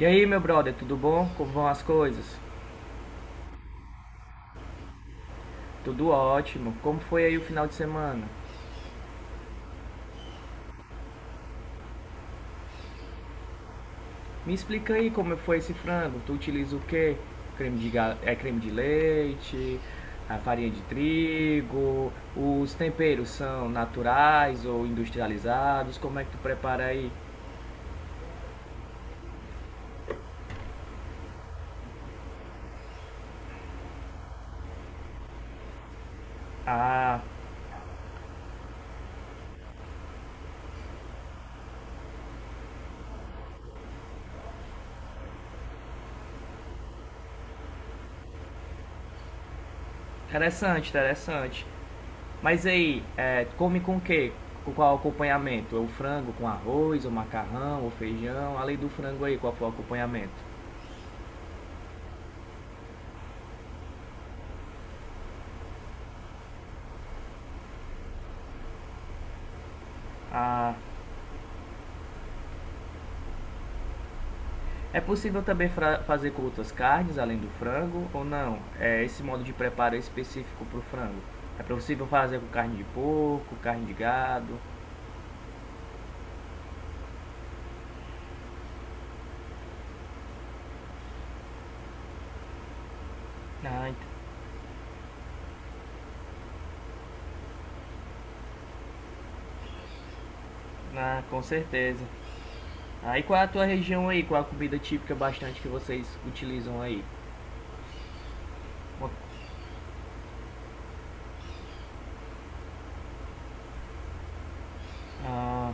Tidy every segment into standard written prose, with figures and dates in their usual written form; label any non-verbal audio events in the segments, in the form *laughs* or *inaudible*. E aí, meu brother, tudo bom? Como vão as coisas? Tudo ótimo. Como foi aí o final de semana? Me explica aí como foi esse frango. Tu utiliza o quê? Creme de, creme de leite, a farinha de trigo, os temperos são naturais ou industrializados? Como é que tu prepara aí? Ah, interessante, interessante. Mas aí, come com o quê? Com qual acompanhamento? O frango com arroz, o macarrão, o feijão? Além do frango aí, qual foi o acompanhamento? Ah, é possível também fazer com outras carnes além do frango ou não? É, esse modo de preparo é específico para o frango. É possível fazer com carne de porco, carne de gado? Ah, ah, com certeza. Aí ah, qual é a tua região aí? Qual é a comida típica bastante que vocês utilizam aí? Ah,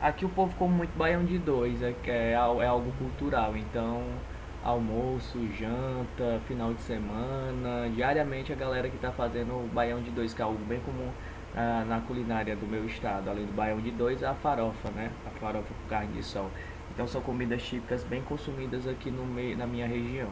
aqui o povo come muito baião de dois, é algo cultural. Então, almoço, janta, final de semana, diariamente a galera que está fazendo o baião de dois, que é algo bem comum ah, na culinária do meu estado. Além do baião de dois, a farofa, né? A farofa com carne de sol. Então, são comidas típicas bem consumidas aqui no meio, na minha região.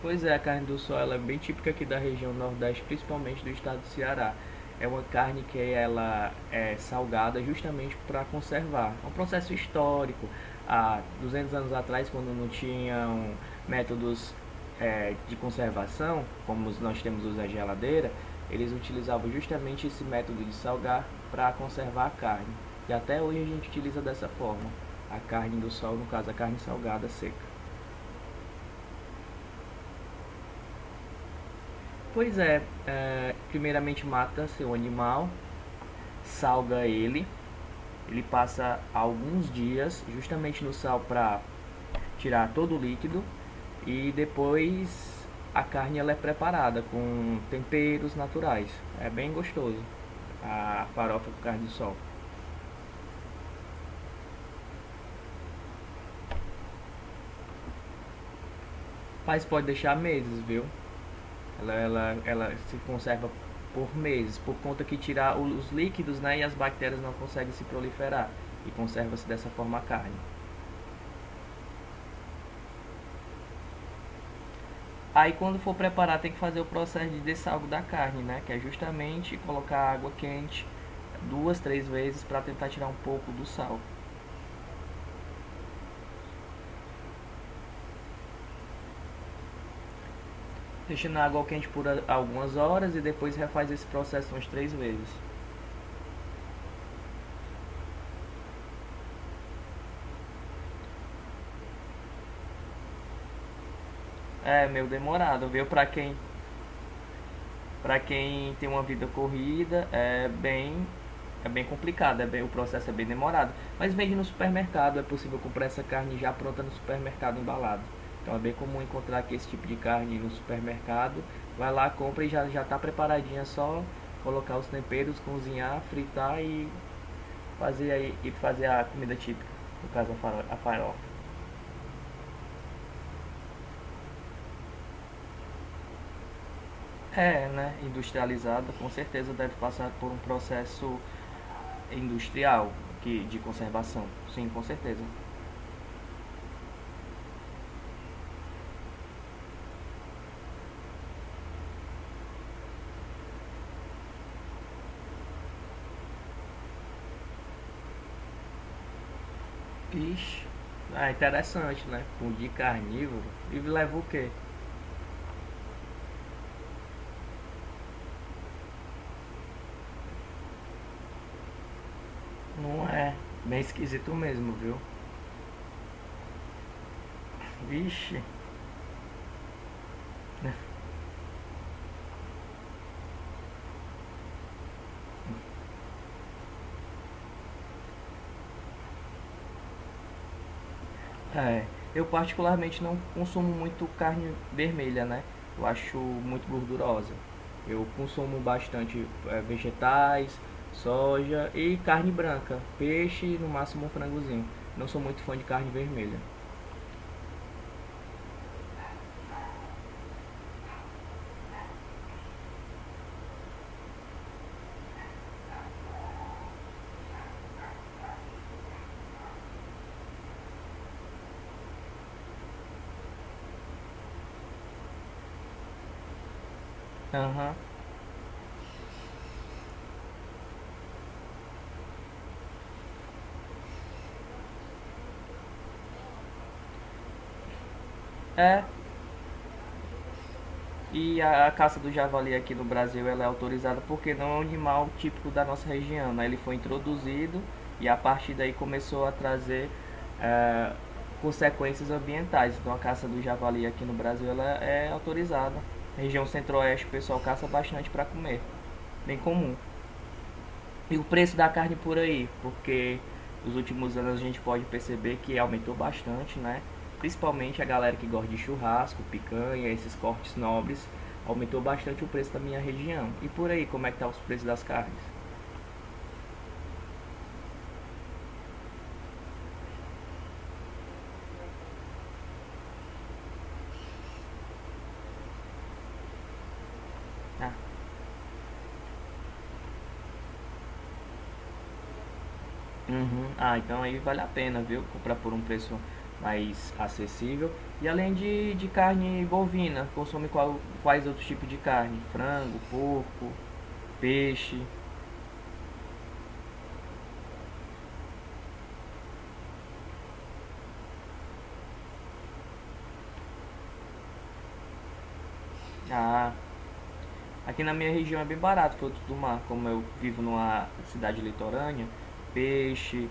Pois é, a carne do sol ela é bem típica aqui da região Nordeste, principalmente do estado do Ceará. É uma carne que ela é salgada justamente para conservar. É um processo histórico. Há 200 anos atrás, quando não tinham métodos de conservação, como nós temos hoje a geladeira, eles utilizavam justamente esse método de salgar para conservar a carne. E até hoje a gente utiliza dessa forma, a carne do sol, no caso a carne salgada seca. Pois é, primeiramente mata seu animal, salga ele, ele passa alguns dias justamente no sal para tirar todo o líquido e depois a carne ela é preparada com temperos naturais. É bem gostoso a farofa com carne de sol. Mas pode deixar meses, viu? Ela se conserva por meses, por conta que tirar os líquidos né, e as bactérias não conseguem se proliferar e conserva-se dessa forma a carne. Aí quando for preparar tem que fazer o processo de dessalgo da carne, né? Que é justamente colocar água quente duas, três vezes para tentar tirar um pouco do sal. Deixando a água quente por algumas horas e depois refaz esse processo umas três vezes. É meio demorado, viu? Para quem tem uma vida corrida, é bem complicado, é bem, o processo é bem demorado. Mas vende no supermercado, é possível comprar essa carne já pronta no supermercado embalada. Então é bem comum encontrar aqui esse tipo de carne no supermercado. Vai lá, compra e já já está preparadinha, é só colocar os temperos, cozinhar, fritar e fazer aí e fazer a comida típica, no caso a farofa. É, né? Industrializada, com certeza deve passar por um processo industrial que, de conservação. Sim, com certeza. Ixi, é interessante, né? Pão carnívoro. E leva o quê? Não é. Bem esquisito mesmo, viu? Vixe. É. Eu particularmente não consumo muito carne vermelha, né? Eu acho muito gordurosa. Eu consumo bastante vegetais, soja e carne branca. Peixe e no máximo um frangozinho. Não sou muito fã de carne vermelha. Aham. É, e a caça do javali aqui no Brasil ela é autorizada porque não é um animal típico da nossa região. Né? Ele foi introduzido e a partir daí começou a trazer eh, consequências ambientais. Então a caça do javali aqui no Brasil ela é autorizada. Região centro-oeste o pessoal caça bastante para comer, bem comum. E o preço da carne por aí, porque nos últimos anos a gente pode perceber que aumentou bastante, né? Principalmente a galera que gosta de churrasco, picanha, esses cortes nobres, aumentou bastante o preço da minha região. E por aí, como é que tá os preços das carnes? Ah, uhum. Ah, então aí vale a pena, viu? Comprar por um preço mais acessível. E além de carne bovina, consome quais outros tipos de carne? Frango, porco, peixe. Ah, aqui na minha região é bem barato frutos do mar, como eu vivo numa cidade litorânea, peixe,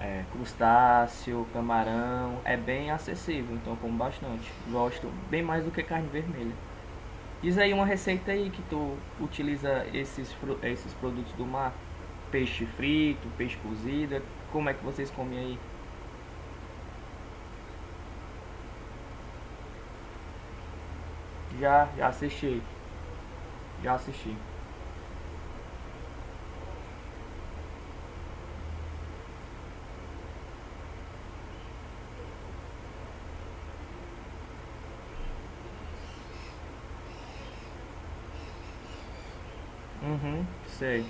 crustáceo, camarão, é bem acessível, então eu como bastante. Gosto bem mais do que carne vermelha. Diz aí uma receita aí que tu utiliza esses, esses produtos do mar, peixe frito, peixe cozido, como é que vocês comem aí? Já, já assisti, já assisti. Uhum, sei.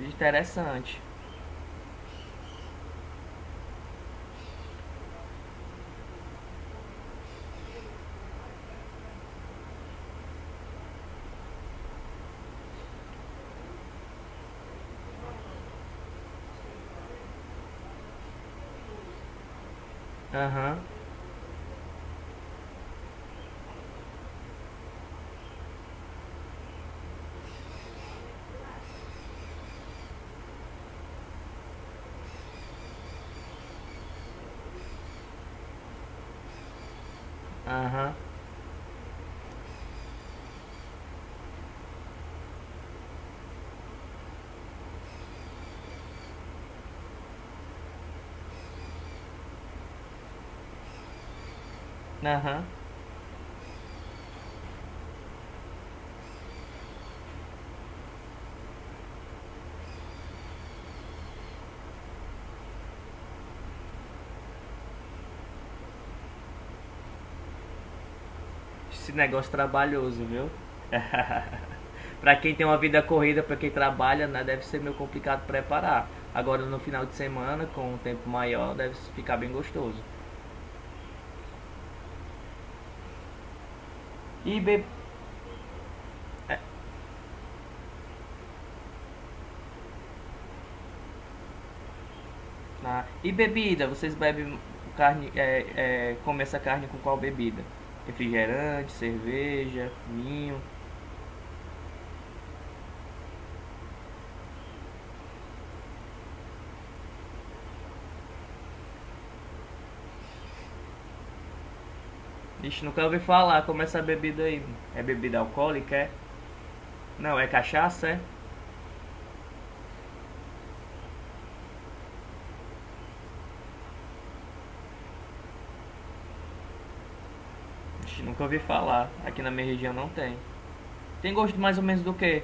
Interessante. Aham, aham, aham. Esse negócio trabalhoso, viu? *laughs* Pra quem tem uma vida corrida, pra quem trabalha, né, deve ser meio complicado preparar. Agora no final de semana, com um tempo maior, deve ficar bem gostoso. E, be... ah, e bebida, vocês bebem carne, comem essa carne com qual bebida? Refrigerante, cerveja, vinho. Ixi, nunca ouvi falar como é essa bebida aí. É bebida alcoólica, é? Não, é cachaça, é? Ixi, nunca ouvi falar. Aqui na minha região não tem. Tem gosto mais ou menos do que?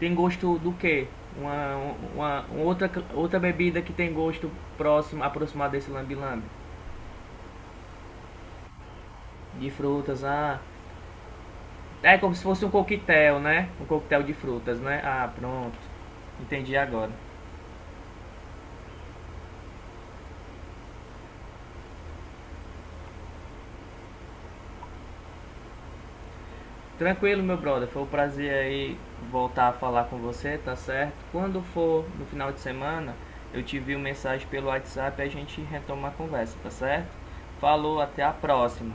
Tem gosto do quê? Uma, uma outra, outra bebida que tem gosto próximo, aproximado desse lambi-lambi. De frutas, ah. É como se fosse um coquetel, né? Um coquetel de frutas, né? Ah, pronto. Entendi agora. Tranquilo, meu brother. Foi um prazer aí voltar a falar com você, tá certo? Quando for no final de semana, eu te envio mensagem pelo WhatsApp e a gente retoma a conversa, tá certo? Falou, até a próxima.